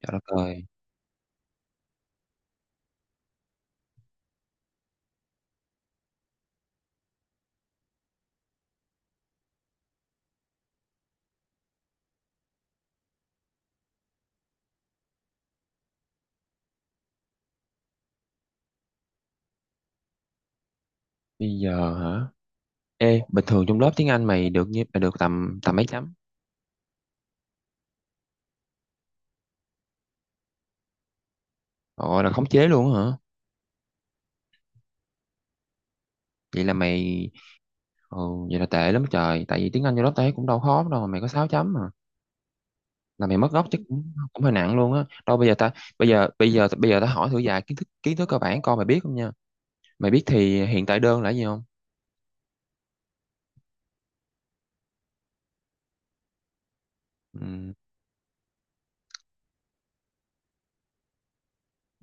Trời đất ơi, bây giờ hả? Ê, bình thường trong lớp tiếng Anh mày được như mày được tầm tầm mấy chấm? Gọi là khống chế luôn hả? Vậy là mày Ừ. Vậy là tệ lắm trời, tại vì tiếng Anh trong lớp tao cũng đâu khó đâu mà mày có 6 chấm mà. Là mày mất gốc chắc cũng cũng hơi nặng luôn á. Đâu, bây giờ ta bây giờ bây giờ bây giờ ta hỏi thử vài kiến thức cơ bản coi mày biết không nha. Mày biết thì hiện tại đơn là gì không? Ừ,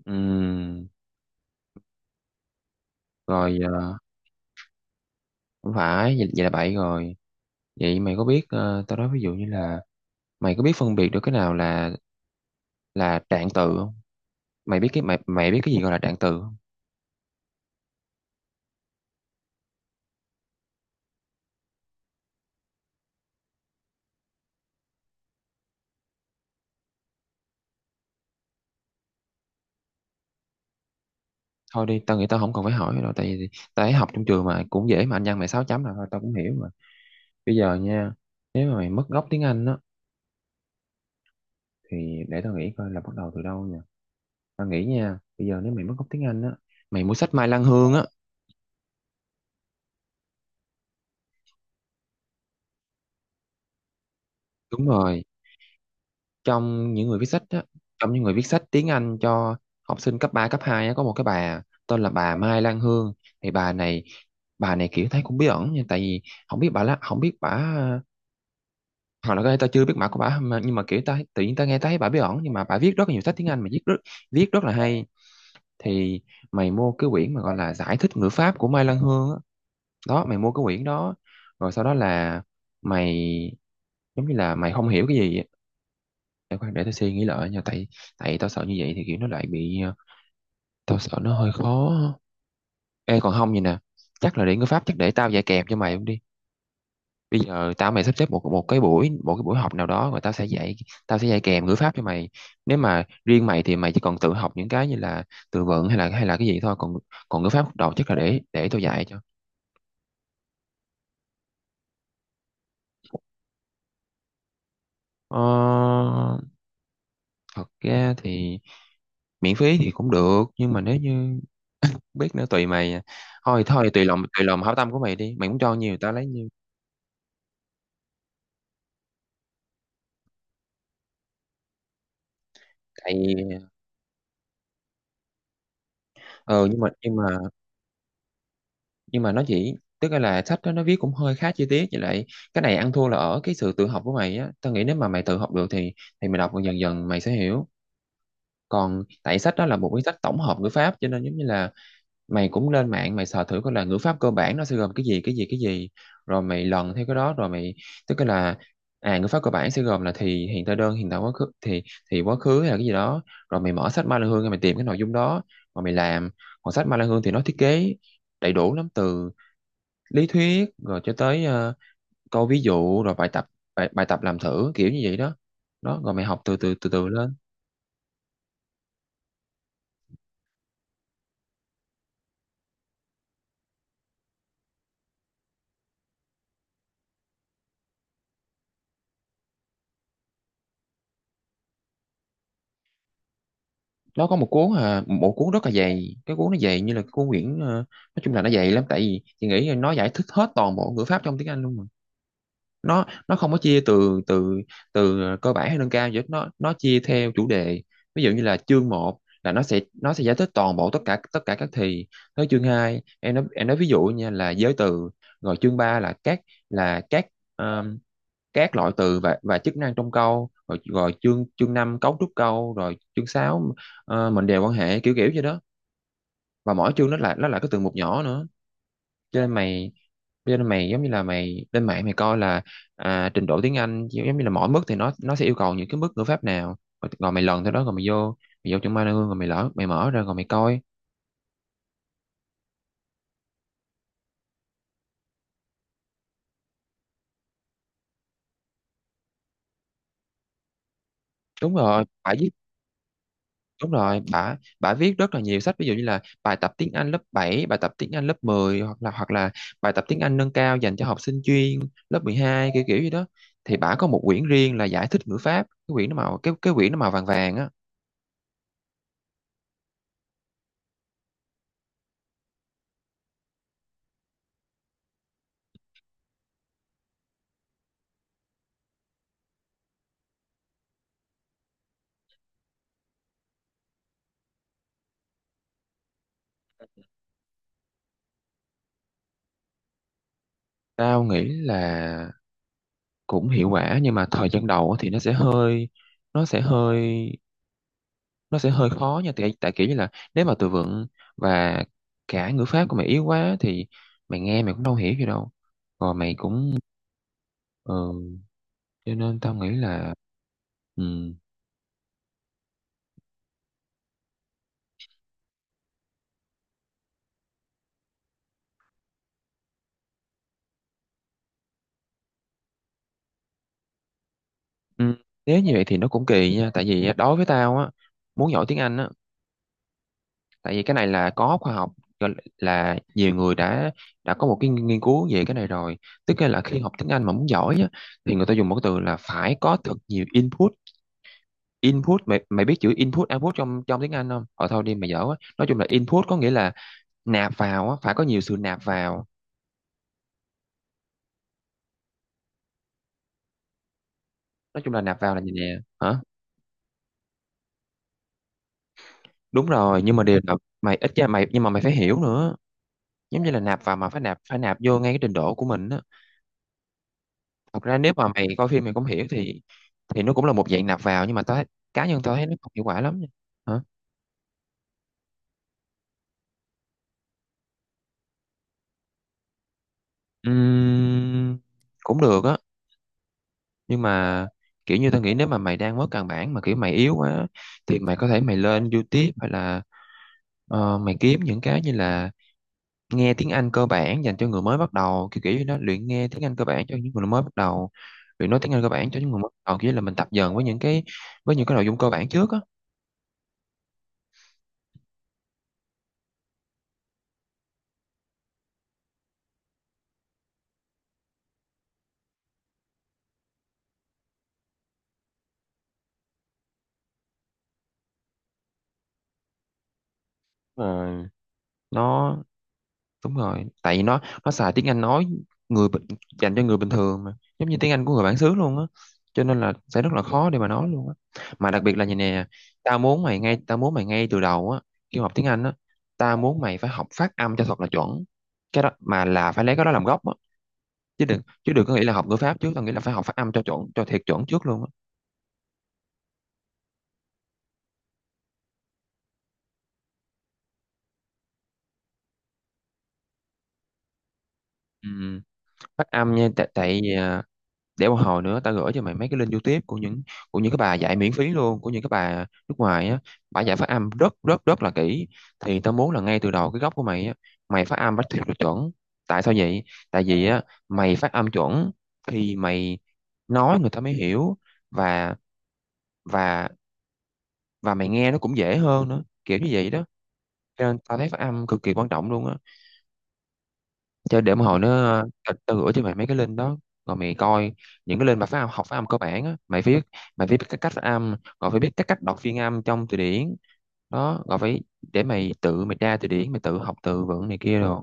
ừ, rồi, không phải vậy. Vậy là bậy rồi. Vậy mày có biết, tao nói ví dụ như là mày có biết phân biệt được cái nào là trạng từ không? Mày biết cái gì gọi là trạng từ không? Thôi đi, tao nghĩ tao không cần phải hỏi đâu, tại vì tao thấy học trong trường mà cũng dễ mà, anh văn mày 6 chấm là thôi tao cũng hiểu mà. Bây giờ nha, nếu mà mày mất gốc tiếng Anh á thì để tao nghĩ coi là bắt đầu từ đâu nha. Tao nghĩ nha, bây giờ nếu mày mất gốc tiếng Anh á, mày mua sách Mai Lan Hương á. Đúng rồi. trong những người viết sách á Trong những người viết sách tiếng Anh cho học sinh cấp 3 cấp 2 á, có một cái bà tên là bà Mai Lan Hương. Thì bà này kiểu thấy cũng bí ẩn nha, tại vì không biết bà lá, không biết bà, hoặc là có thể tao chưa biết mặt của bả mà. Nhưng mà kiểu tao tự nhiên tao nghe tao thấy bả bí ẩn, nhưng mà bả viết rất là nhiều sách tiếng Anh mà viết rất là hay. Thì mày mua cái quyển mà gọi là giải thích ngữ pháp của Mai Lan Hương á. Đó, mày mua cái quyển đó rồi sau đó là mày giống như là mày không hiểu cái gì á. Để khoan, để tao suy nghĩ lại nha, tại tại tao sợ như vậy thì kiểu nó lại bị, tao sợ nó hơi khó. Ê, còn không vậy nè, chắc là để ngữ pháp chắc để tao dạy kèm cho mày đi. Bây giờ mày sắp xếp một một cái buổi học nào đó rồi tao sẽ dạy kèm ngữ pháp cho mày. Nếu mà riêng mày thì mày chỉ còn tự học những cái như là từ vựng hay là cái gì thôi, còn còn ngữ pháp đầu chắc là để tao dạy cho. ờ, Thật ra thì miễn phí thì cũng được, nhưng mà nếu như, biết nữa, tùy mày à. Thôi thôi, tùy lòng hảo tâm của mày đi, mày muốn cho nhiều tao lấy nhiều. Tại ờ Nhưng mà nó chỉ tức là sách đó nó viết cũng hơi khá chi tiết, với lại cái này ăn thua là ở cái sự tự học của mày á. Tao nghĩ nếu mà mày tự học được thì mày đọc dần dần mày sẽ hiểu. Còn tại sách đó là một cái sách tổng hợp ngữ pháp cho nên giống như là mày cũng lên mạng mày sờ thử coi là ngữ pháp cơ bản nó sẽ gồm cái gì, cái gì, cái gì. Rồi mày lần theo cái đó rồi mày, tức là, ngữ pháp cơ bản sẽ gồm là thì hiện tại đơn, hiện tại quá khứ, thì quá khứ hay là cái gì đó. Rồi mày mở sách Ma Lan Hương mày tìm cái nội dung đó mà mày làm. Còn sách Ma Lan Hương thì nó thiết kế đầy đủ lắm, từ lý thuyết rồi cho tới, câu ví dụ, rồi bài tập làm thử kiểu như vậy đó. Đó, rồi mày học từ từ từ từ lên. Nó có một cuốn rất là dày, cái cuốn nó dày như là cái cuốn quyển, nói chung là nó dày lắm, tại vì chị nghĩ là nó giải thích hết toàn bộ ngữ pháp trong tiếng Anh luôn mà. Nó không có chia từ từ từ cơ bản hay nâng cao gì hết, nó chia theo chủ đề. Ví dụ như là chương 1 là nó sẽ giải thích toàn bộ tất cả các thì. Tới chương 2, em nói ví dụ nha là giới từ. Rồi chương 3 là um, các loại từ và chức năng trong câu, rồi rồi chương chương 5 cấu trúc câu, rồi chương 6, mệnh đề quan hệ kiểu kiểu vậy đó. Và mỗi chương nó là, nó là cái từ mục nhỏ nữa. cho nên mày cho nên mày giống như là mày lên mạng mày coi là, à, trình độ tiếng Anh giống như là mỗi mức thì nó sẽ yêu cầu những cái mức ngữ pháp nào. Rồi, mày lần theo đó rồi mày vô chuẩn ba hương rồi mày lỡ mày mở ra rồi mày coi. đúng rồi bả viết Đúng rồi, bả bả viết rất là nhiều sách, ví dụ như là bài tập tiếng Anh lớp 7, bài tập tiếng Anh lớp 10, hoặc là bài tập tiếng Anh nâng cao dành cho học sinh chuyên lớp 12 kiểu kiểu gì đó. Thì bả có một quyển riêng là giải thích ngữ pháp. Cái quyển nó màu vàng vàng á. Tao nghĩ là cũng hiệu quả, nhưng mà thời gian đầu á thì nó sẽ hơi nó sẽ hơi khó nha, tại tại kiểu như là, nếu mà từ vựng và cả ngữ pháp của mày yếu quá thì mày nghe mày cũng đâu hiểu gì đâu, rồi mày cũng, ừ, cho nên tao nghĩ là, ừ, ừ, nếu như vậy thì nó cũng kỳ nha. Tại vì á, đối với tao á, muốn giỏi tiếng Anh á, tại vì cái này là có khoa học, gọi là nhiều người đã có một cái nghiên cứu về cái này rồi. Tức là khi học tiếng Anh mà muốn giỏi á, thì người ta dùng một cái từ là phải có thật nhiều input. Input, mày mày biết chữ input output trong trong tiếng Anh không? Ờ thôi đi, mày dở quá. Nói chung là input có nghĩa là nạp vào á, phải có nhiều sự nạp vào. Nói chung là nạp vào là gì nè? Hả? Đúng rồi, nhưng mà điều là mày ít ra mày, nhưng mà mày phải hiểu nữa. Giống như là nạp vào mà phải nạp vô ngay cái trình độ của mình á. Thật ra nếu mà mày coi phim mày không hiểu thì nó cũng là một dạng nạp vào, nhưng mà cá nhân tao thấy nó không hiệu quả lắm nha. Hả? Ừm, cũng được á, nhưng mà kiểu như tao nghĩ nếu mà mày đang mất căn bản mà kiểu mày yếu quá thì mày có thể mày lên YouTube hay là, mày kiếm những cái như là nghe tiếng Anh cơ bản dành cho người mới bắt đầu, kiểu kiểu như nó luyện nghe tiếng Anh cơ bản cho những người mới bắt đầu, luyện nói tiếng Anh cơ bản cho những người mới bắt đầu, kiểu như là mình tập dần với những cái nội dung cơ bản trước á. Ờ, nó đúng rồi tại vì nó xài tiếng Anh nói người bình- dành cho người bình thường mà, giống như tiếng Anh của người bản xứ luôn á, cho nên là sẽ rất là khó để mà nói luôn á. Mà đặc biệt là như nè, tao muốn mày ngay từ đầu á, khi mà học tiếng Anh á, tao muốn mày phải học phát âm cho thật là chuẩn. Cái đó mà là phải lấy cái đó làm gốc á, chứ đừng có nghĩ là học ngữ pháp trước, tao nghĩ là phải học phát âm cho chuẩn cho thiệt chuẩn trước luôn á. Ừ, phát âm nha, tại tại à, để một hồi nữa tao gửi cho mày mấy cái link YouTube của những, cái bà dạy miễn phí luôn, của những cái bà nước ngoài á. Bà dạy phát âm rất rất rất là kỹ. Thì tao muốn là ngay từ đầu cái gốc của mày á, mày phát âm phải thật là chuẩn. Tại sao vậy? Tại vì á, mày phát âm chuẩn thì mày nói người ta mới hiểu, và và mày nghe nó cũng dễ hơn nữa kiểu như Vậy đó, cho nên tao thấy phát âm cực kỳ quan trọng luôn á. Cho để một hồi nó tao tao gửi cho mày mấy cái link đó rồi mày coi những cái link mà phát âm, học phát âm cơ bản á. Mày viết, mày phải biết cái cách phát âm, rồi phải biết cái cách đọc phiên âm trong từ điển đó, rồi phải để mày tự mày tra từ điển, mày tự học từ vựng này kia rồi.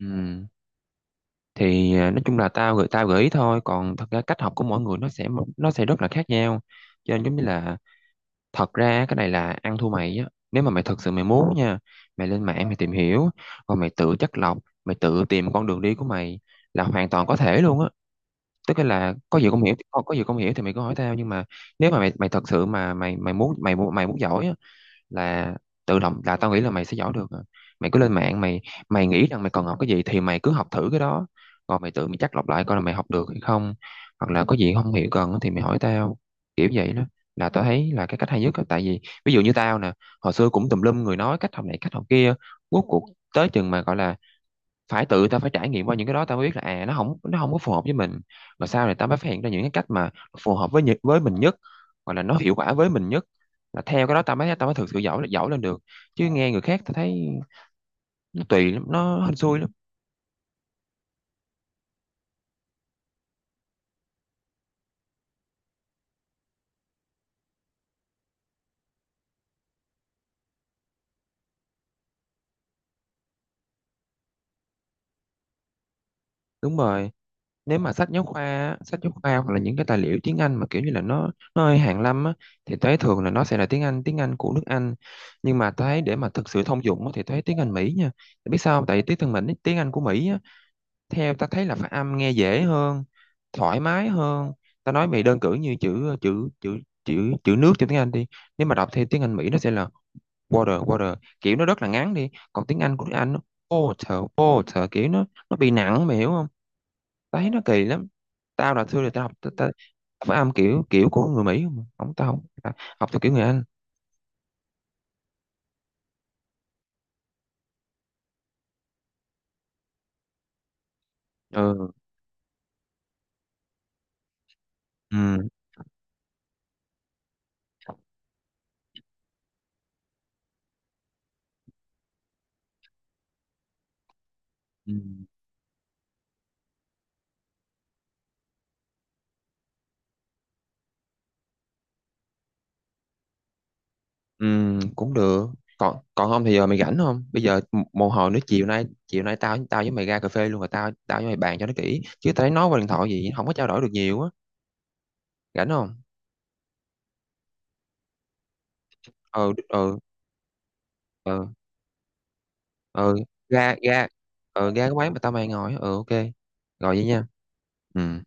Ừ. Thì nói chung là tao gửi ý thôi, còn thật ra cách học của mỗi người nó sẽ rất là khác nhau. Cho nên giống như là thật ra á, cái này là ăn thua mày á. Nếu mà mày thật sự mày muốn nha, mày lên mạng mày tìm hiểu rồi mày tự chắt lọc, mày tự tìm con đường đi của mày là hoàn toàn có thể luôn á. Tức là có gì không hiểu có gì không hiểu thì mày cứ hỏi tao. Nhưng mà nếu mà mày mày thật sự mà mày mày muốn mày muốn giỏi á, là tự động là tao nghĩ là mày sẽ giỏi được à. Mày cứ lên mạng mày, mày nghĩ rằng mày còn học cái gì thì mày cứ học thử cái đó, rồi mày tự mày chắc lọc lại coi là mày học được hay không, hoặc là có gì không hiểu cần thì mày hỏi tao, kiểu vậy đó, là tao thấy là cái cách hay nhất á. Tại vì ví dụ như tao nè, hồi xưa cũng tùm lum người nói cách học này cách học kia, rốt cuộc tới chừng mà gọi là phải tự tao phải trải nghiệm qua những cái đó tao mới biết là à, nó không có phù hợp với mình. Mà sau này tao mới phát hiện ra những cái cách mà phù hợp với với mình nhất, hoặc là nó hiệu quả với mình nhất, là theo cái đó tao mới thực sự giỏi giỏi lên được. Chứ nghe người khác tao thấy nó tùy lắm, nó hên xui lắm. Đúng rồi. Nếu mà sách giáo khoa á, sách giáo khoa hoặc là những cái tài liệu tiếng Anh mà kiểu như là nó hơi hàn lâm á, thì tao thấy thường là nó sẽ là tiếng Anh của nước Anh. Nhưng mà tao thấy để mà thực sự thông dụng á, thì tao thấy tiếng Anh Mỹ nha. Tại biết sao không? Tại tiếng thân mình tiếng Anh của Mỹ á, theo ta thấy là phát âm nghe dễ hơn, thoải mái hơn. Ta nói mày đơn cử như chữ chữ chữ chữ chữ nước trong tiếng Anh đi. Nếu mà đọc theo tiếng Anh Mỹ nó sẽ là water water, kiểu nó rất là ngắn đi. Còn tiếng Anh của tiếng Anh nó water water, kiểu nó bị nặng, mày hiểu không? Ta thấy nó kỳ lắm. Tao là xưa là tao học ta, ta, phát âm kiểu kiểu của người Mỹ không mà. Không, tao không ta học theo kiểu người Anh. Ừ. Ừ, ừ. Cũng được. Còn còn không thì giờ mày rảnh không? Bây giờ một hồi nữa chiều nay, tao tao với mày ra cà phê luôn, rồi tao tao với mày bàn cho nó kỹ. Chứ tao thấy nói qua điện thoại gì không có trao đổi được nhiều á. Rảnh không? Ừ ừ. ừ ừ Ra ra. Ừ, ra cái quán mà tao mày ngồi á. Ừ, ok. Rồi vậy nha. Ừ.